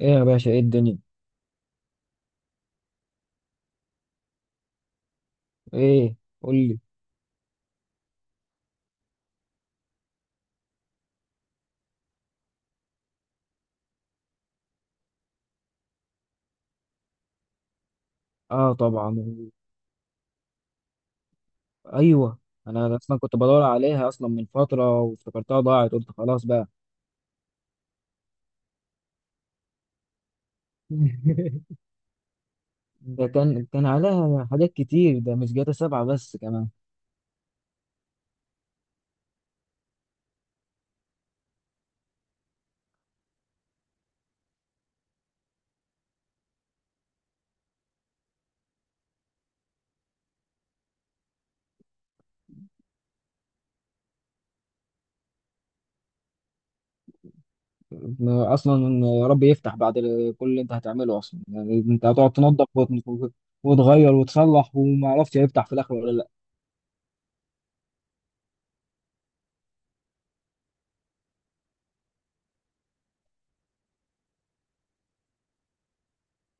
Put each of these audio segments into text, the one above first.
ايه يا باشا، ايه الدنيا؟ ايه. قول لي. اه طبعا. ايوه. انا اصلا كنت بدور عليها اصلا من فتره وافتكرتها ضاعت، قلت خلاص بقى. ده كان عليها حاجات كتير، ده مش جاتا 7 بس كمان. اصلا يا رب يفتح بعد كل اللي انت هتعمله، اصلا يعني انت هتقعد تنظف وتغير وتصلح، وما عرفتش هيفتح في الاخر ولا لا.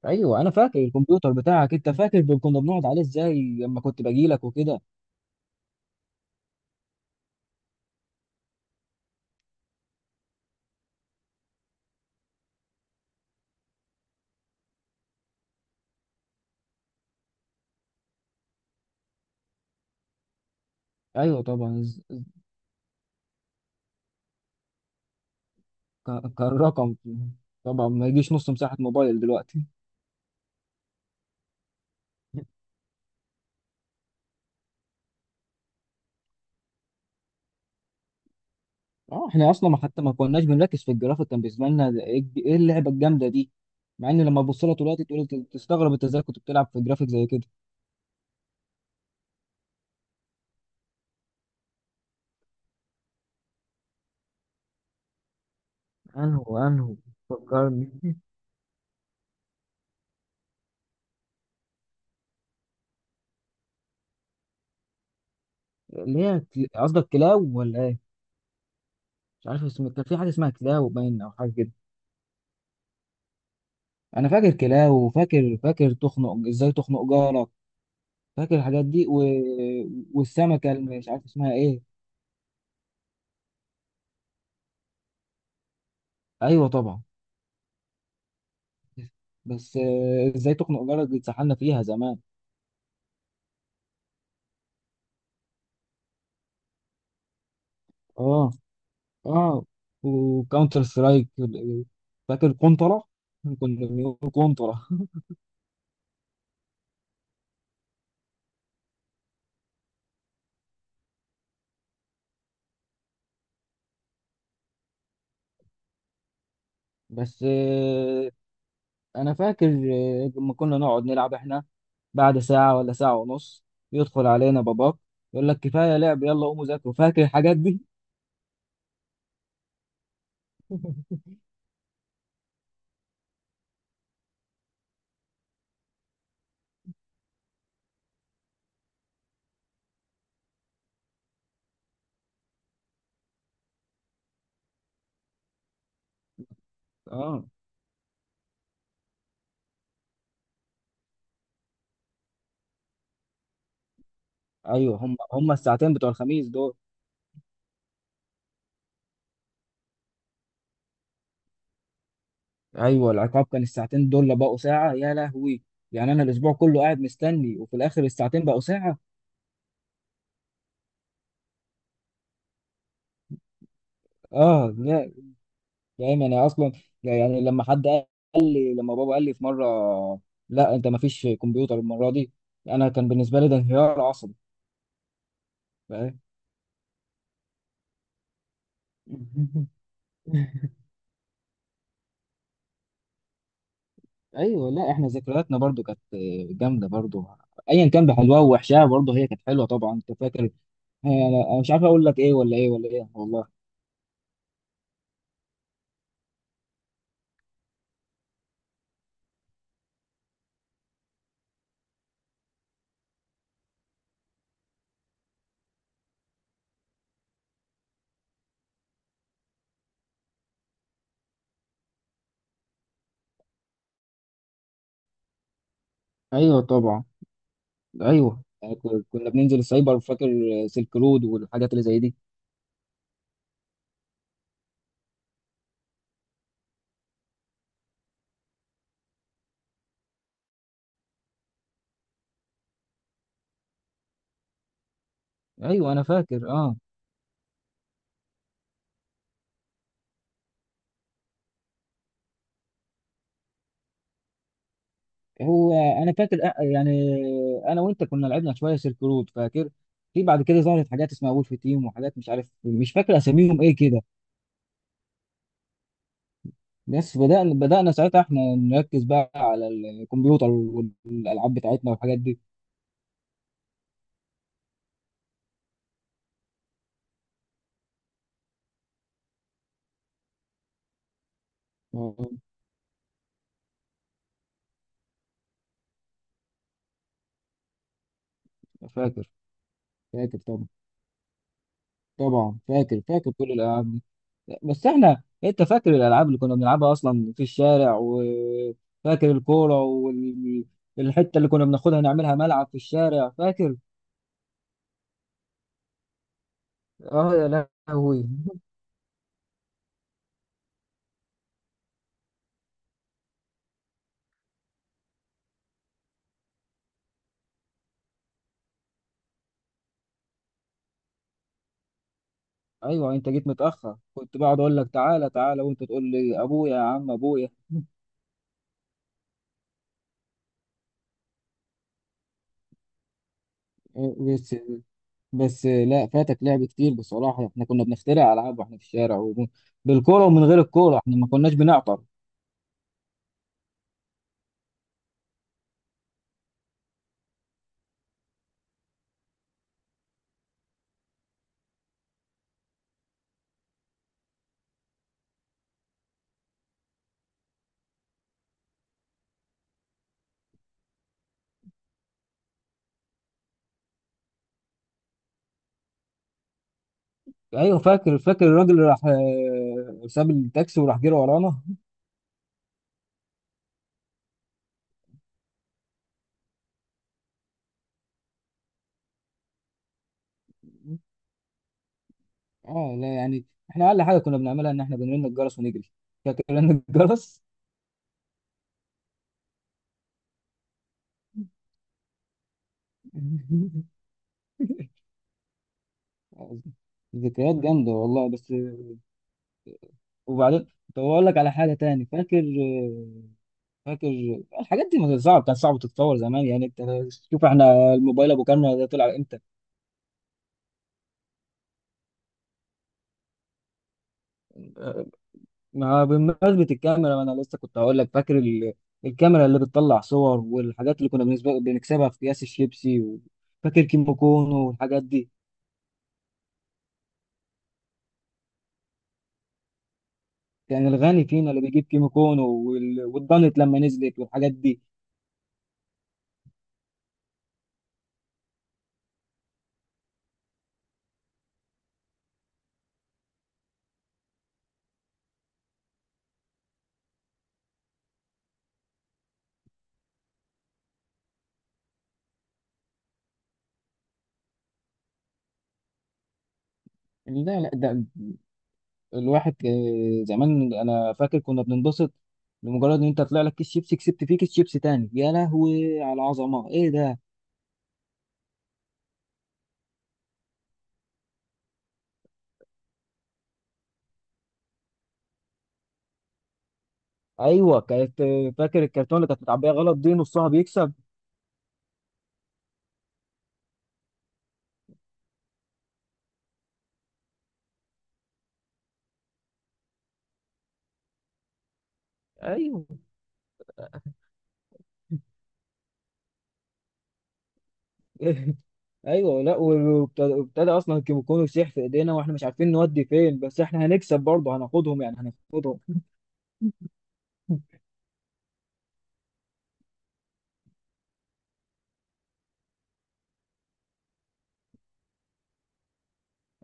ايوه انا فاكر الكمبيوتر بتاعك، انت فاكر كنا بنقعد عليه ازاي لما كنت باجي لك وكده؟ ايوه طبعا. كالرقم. طبعا ما يجيش نص مساحة موبايل دلوقتي. اه احنا اصلا ما حتى ما كناش بنركز في الجرافيك، كان بالنسبه لنا ده ايه إيه اللعبه الجامده دي. مع ان لما تبص لها دلوقتي تقول تستغرب انت ازاي كنت بتلعب في جرافيك زي كده. انهو، فكرني. اللي هي قصدك كلاو ولا ايه؟ مش عارف اسمه، كان في حاجه اسمها كلاو باين او حاجه كده. انا فاكر كلاو، وفاكر فاكر ازاي تخنق جارك. فاكر الحاجات دي، و... والسمكه اللي مش عارف اسمها ايه. ايوه طبعا. بس ازاي تخنق جارك دي اتسحلنا فيها زمان. اه، اه، وكاونتر سترايك. فاكر كونترا. كنا بنقول كونترا. بس انا فاكر لما كنا نقعد نلعب احنا بعد ساعة ولا ساعة ونص، يدخل علينا باباك يقول لك كفاية لعب، يلا قوموا ذاكروا، فاكر الحاجات دي؟ اه. ايوه، هم الساعتين بتوع الخميس دول. ايوه العقاب كان الساعتين دول اللي بقوا ساعة، يا لهوي. يعني انا الاسبوع كله قاعد مستني، وفي الاخر الساعتين بقوا ساعة. اه. فاهم، انا اصلا يعني لما بابا قال لي في مره، لا انت ما فيش كمبيوتر المره دي، انا كان بالنسبه لي ده انهيار عصبي. فاهم؟ ايوه لا، احنا ذكرياتنا برضو كانت جامده برضو، ايا كان بحلوها ووحشها برضو، هي كانت حلوه طبعا، انت فاكر. انا مش عارف اقول لك ايه ولا ايه ولا ايه، والله. ايوه طبعا. ايوه، كنا بننزل السايبر فاكر، سلك رود والحاجات اللي زي دي. ايوه انا فاكر، اه. هو انا فاكر يعني انا وانت كنا لعبنا شويه سيرك رود فاكر. في بعد كده ظهرت حاجات اسمها وولف تيم، وحاجات مش عارف مش فاكر اساميهم ايه كده. بس بدانا ساعتها احنا نركز بقى على الكمبيوتر والالعاب بتاعتنا والحاجات دي. آه، فاكر، فاكر طبعا، طبعا فاكر فاكر كل الالعاب دي. بس احنا، انت فاكر الالعاب اللي كنا بنلعبها اصلا في الشارع؟ وفاكر الكوره، والحته اللي كنا بناخدها نعملها ملعب في الشارع فاكر؟ اه يا لهوي. ايوه انت جيت متاخر، كنت بقعد اقول لك تعالى تعالى، وانت تقول لي ابويا يا عم ابويا. إيه بس. بس لا، فاتك لعب كتير بصراحه، احنا كنا بنخترع العاب واحنا في الشارع بالكوره، ومن غير الكوره احنا ما كناش بنعطر. ايوه فاكر، فاكر الراجل اللي راح ساب التاكسي وراح جري ورانا. اه لا يعني، احنا اقل حاجه كنا بنعملها ان احنا بنرن الجرس ونجري، فاكر رن الجرس؟ ذكريات جامده والله، بس. وبعدين، طب اقول لك على حاجه تاني، فاكر. فاكر الحاجات دي ما كانت صعب، كان صعب تتطور زمان، يعني انت شوف احنا الموبايل ابو كاميرا ده طلع امتى. ما بمناسبة الكاميرا، ما انا لسه كنت هقول لك فاكر الكاميرا اللي بتطلع صور، والحاجات اللي كنا بالنسبة بنكسبها في اكياس الشيبسي فاكر كيمو كونو والحاجات دي. كان الغني فينا اللي بيجيب كيمو كونو والدانت لما نزلت والحاجات دي. لا لا، ده الواحد زمان انا فاكر كنا بننبسط لمجرد ان انت طلع لك كيس شيبسي كسبت فيه كيس شيبسي تاني، يا لهوي على العظمه ايه ده. ايوه كانت، فاكر الكرتون اللي كانت متعبيه غلط دي نصها بيكسب. ايوه. ايوه لا، وابتدى اصلا الكيميكون يسيح في ايدينا واحنا مش عارفين نودي فين، بس احنا هنكسب برضه هناخدهم يعني، هناخدهم.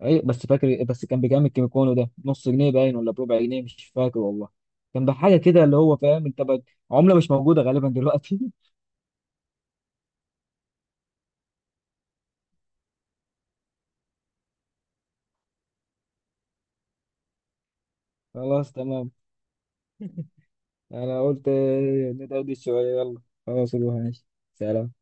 ايوه بس فاكر، بس كان بكام الكيميكون ده، نص جنيه باين ولا بربع جنيه مش فاكر والله. كان بحاجه كده اللي هو فاهم انت بقى، عمله مش موجوده غالبا دلوقتي. خلاص تمام. انا قلت ندردش شويه، يلا خلاص روح ماشي. سلام.